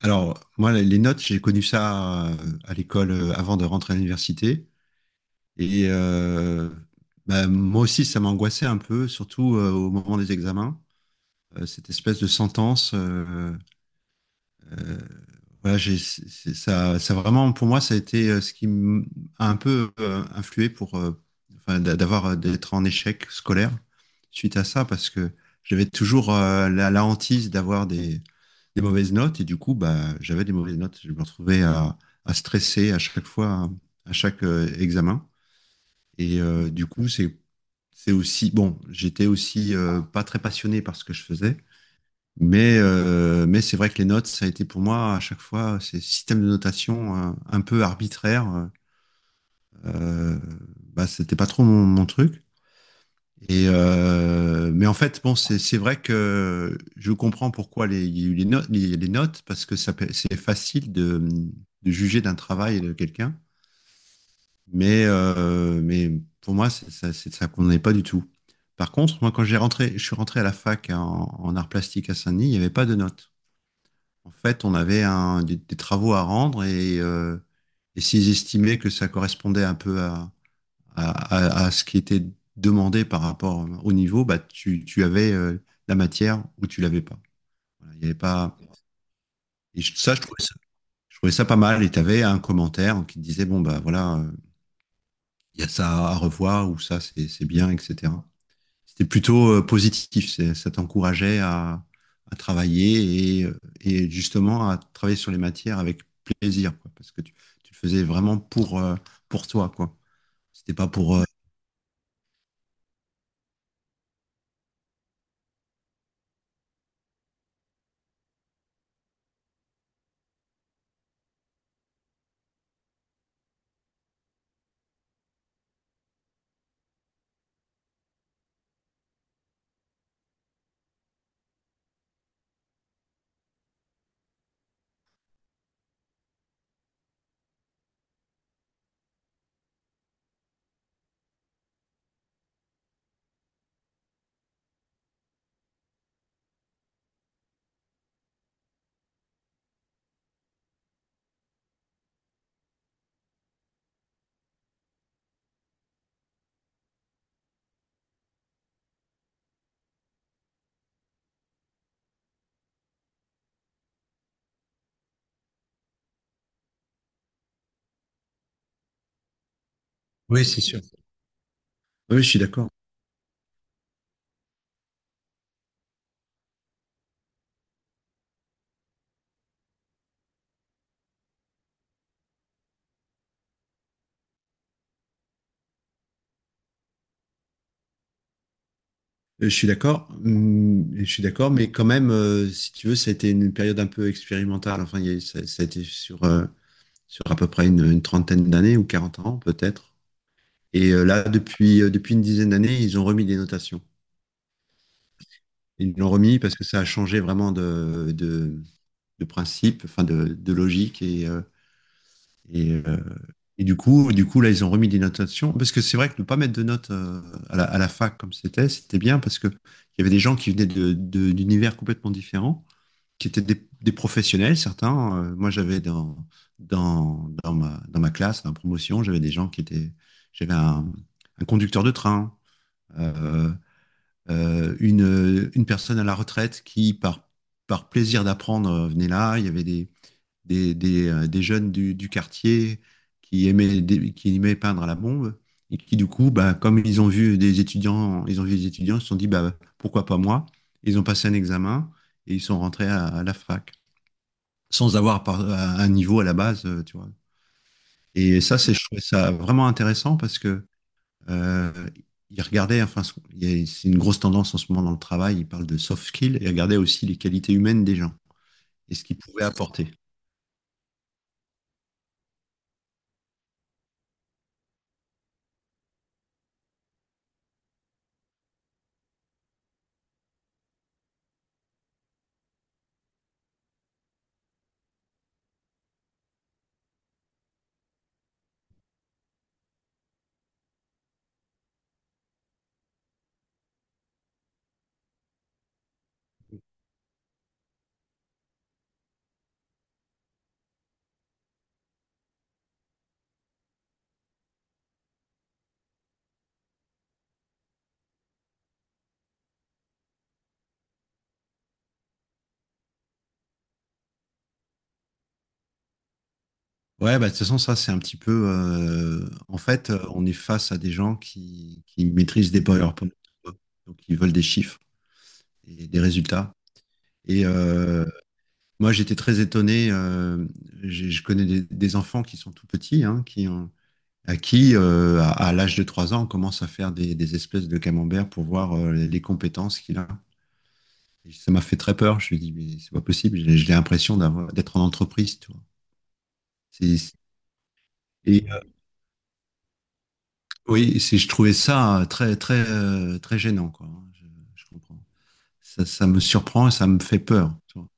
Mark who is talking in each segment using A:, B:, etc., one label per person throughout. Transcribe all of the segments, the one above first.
A: Alors, moi, les notes, j'ai connu ça à l'école avant de rentrer à l'université. Et euh, bah, moi aussi, ça m'angoissait un peu, surtout au moment des examens. Cette espèce de sentence, euh, voilà, ça, ça vraiment, pour moi, ça a été ce qui m'a un peu influé pour, enfin, d'avoir, d'être en échec scolaire suite à ça, parce que j'avais toujours la hantise d'avoir des mauvaises notes, et du coup, bah, j'avais des mauvaises notes. Je me retrouvais à stresser à chaque fois, hein, à chaque examen. Du coup, c'est aussi, bon, j'étais aussi pas très passionné par ce que je faisais. Mais c'est vrai que les notes, ça a été pour moi à chaque fois ces systèmes de notation un peu arbitraires. Euh, bah, c'était pas trop mon truc. Mais en fait, bon, c'est vrai que je comprends pourquoi il y a eu les notes, les notes, parce que ça, c'est facile de juger d'un travail et de quelqu'un. Mais pour moi, c'est ça qu'on n'est pas du tout. Par contre, moi, quand j'ai rentré, je suis rentré à la fac en art plastique à Saint-Denis, il n'y avait pas de notes. En fait, on avait des travaux à rendre et s'ils estimaient que ça correspondait un peu à- à ce qui était demandé par rapport au niveau, bah, tu avais la matière ou tu l'avais pas. Voilà, il y avait pas. Ça, je trouvais ça pas mal. Et tu avais un commentaire qui te disait, bon, bah voilà, il y a ça à revoir ou ça, c'est bien, etc. C'était plutôt positif. Ça t'encourageait à travailler et, justement à travailler sur les matières avec plaisir, quoi, parce que tu le faisais vraiment pour toi, quoi. C'était pas pour. Oui, c'est sûr. Oui, je suis d'accord. Je suis d'accord, hum, je suis d'accord, mais quand même, si tu veux, ça a été une période un peu expérimentale. Enfin, il y a, eu- ça, a été sur, sur à peu près une trentaine d'années ou 40 ans peut-être. Là, depuis une dizaine d'années, ils ont remis des notations. Ils l'ont remis parce que ça a changé vraiment de principe, enfin de logique. Et, euh, et du coup, là, ils ont remis des notations. Parce que c'est vrai que ne pas mettre de notes à la fac comme c'était, c'était bien parce qu'il y avait des gens qui venaient d'univers complètement différents, qui étaient des professionnels, certains. Moi, j'avais dans ma classe, dans ma promotion, j'avais des gens qui étaient. J'avais un conducteur de train. euh, une personne à la retraite qui, par plaisir d'apprendre, venait là. Il y avait des jeunes du quartier qui aimaient, qui aimaient peindre à la bombe et qui, du coup, bah, comme ils ont vu des étudiants, ils ont vu des étudiants, ils se sont dit, bah, pourquoi pas moi? Ils ont passé un examen et ils sont rentrés à la fac sans avoir un niveau à la base, tu vois. Et ça, je trouvais ça vraiment intéressant parce que euh, il regardait, enfin, c'est une grosse tendance en ce moment dans le travail, il parle de soft skills et il regardait aussi les qualités humaines des gens et ce qu'ils pouvaient apporter. Ouais, bah, de toute façon, ça, c'est un petit peu, en fait, on est face à des gens qui maîtrisent des PowerPoint, donc ils veulent des chiffres et des résultats. Et euh, moi, j'étais très étonné. Je connais des enfants qui sont tout petits, hein, qui ont, à l'âge de 3 ans, on commence à faire des espèces de camembert pour voir les compétences qu'il a. Ça m'a fait très peur. Je me suis dit, mais c'est pas possible. J'ai l'impression d'être en entreprise. Tu vois. C'est- c'est- et oui, c'est, je trouvais ça très, très, très gênant, quoi, hein. Je comprends. Ça me surprend et ça me fait peur, tu vois.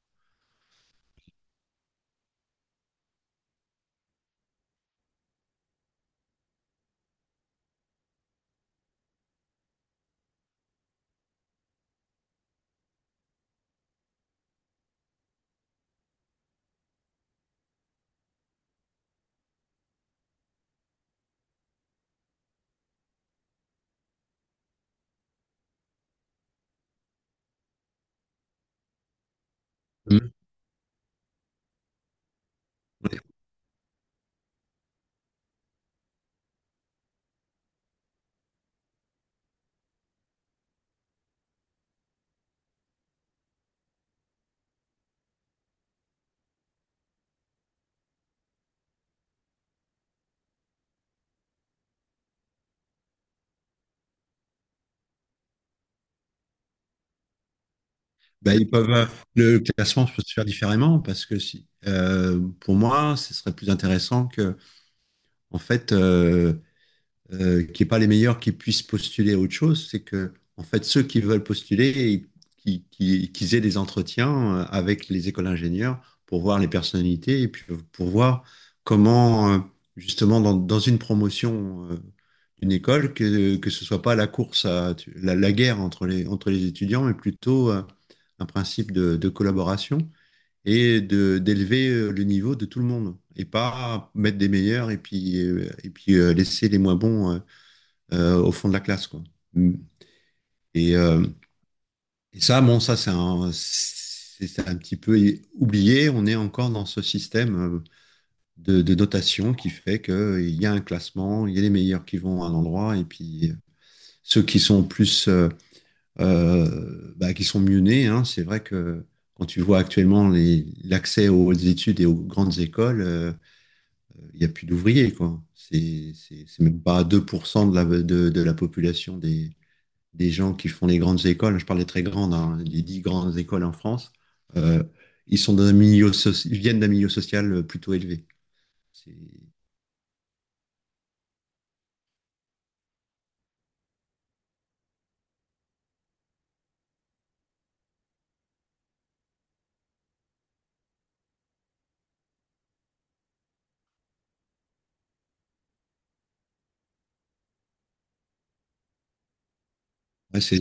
A: Mm. Ouais. Bah, ils peuvent, le classement peut se faire différemment parce que si, pour moi, ce serait plus intéressant que, en fait, qui n'est pas les meilleurs qui puissent postuler à autre chose, c'est que, en fait, ceux qui veulent postuler, qu'ils aient des entretiens avec les écoles d'ingénieurs pour voir les personnalités et puis pour voir comment, justement, dans une promotion d'une école, que ce soit pas la course la guerre entre les étudiants, mais plutôt un principe de collaboration et de d'élever le niveau de tout le monde et pas mettre des meilleurs et puis et puis laisser les moins bons au fond de la classe, quoi. Mm. Et, euh, et ça, bon, ça, c'est un petit peu oublié. On est encore dans ce système de notation qui fait qu'il y a un classement, il y a les meilleurs qui vont à un endroit, et puis ceux qui sont plus, bah, qui sont mieux nés. Hein, c'est vrai que quand tu vois actuellement l'accès aux études et aux grandes écoles, il n'y a plus d'ouvriers, quoi. C'est même pas 2% de la population des gens qui font les grandes écoles, je parle des très grandes, hein, les 10 grandes écoles en France, euh, ils sont dans un milieu ils viennent d'un milieu social plutôt élevé. C'est, ouais,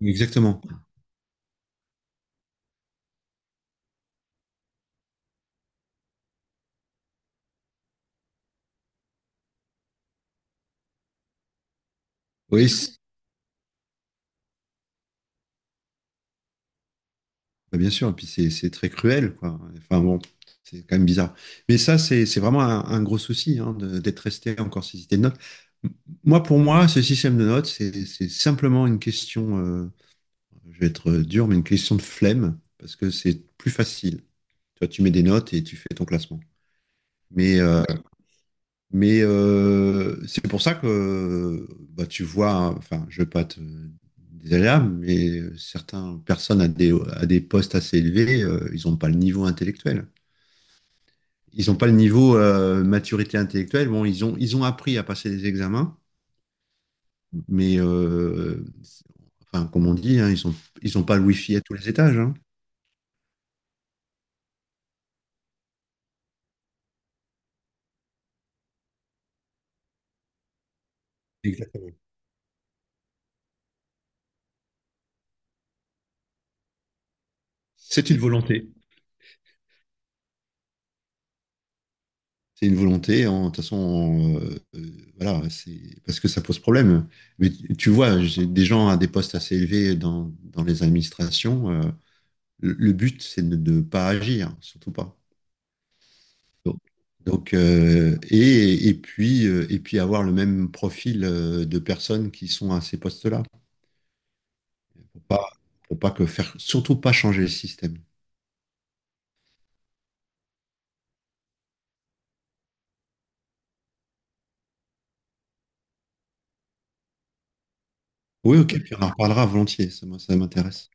A: exactement. Oui, bah, bien sûr. Et puis c'est très cruel, quoi. Enfin bon, c'est quand même bizarre. Mais ça, c'est vraiment un gros souci, hein, d'être resté encore sur ce système de notes. M- Moi, pour moi, ce système de notes, c'est simplement une question, je vais être dur, mais une question de flemme parce que c'est plus facile. Toi, tu mets des notes et tu fais ton classement. Mais, euh, mais c'est pour ça que bah, tu vois, hein, enfin, je ne veux pas te désagréable, mais certaines personnes à des postes assez élevés, ils n'ont pas le niveau intellectuel. Ils n'ont pas le niveau maturité intellectuelle. Bon, ils ont appris à passer des examens, mais enfin, comme on dit, hein, ils ont pas le wifi à tous les étages, hein. Exactement. C'est une volonté. C'est une volonté, de toute façon, voilà, c'est parce que ça pose problème. Mais tu vois, j'ai des gens à des postes assez élevés dans les administrations. Le but, c'est de ne pas agir, surtout pas. Donc, donc, et puis avoir le même profil de personnes qui sont à ces postes-là. Pour pas, pour pas que faire, surtout pas changer le système. Oui, ok, puis on en reparlera volontiers, ça, moi, ça m'intéresse.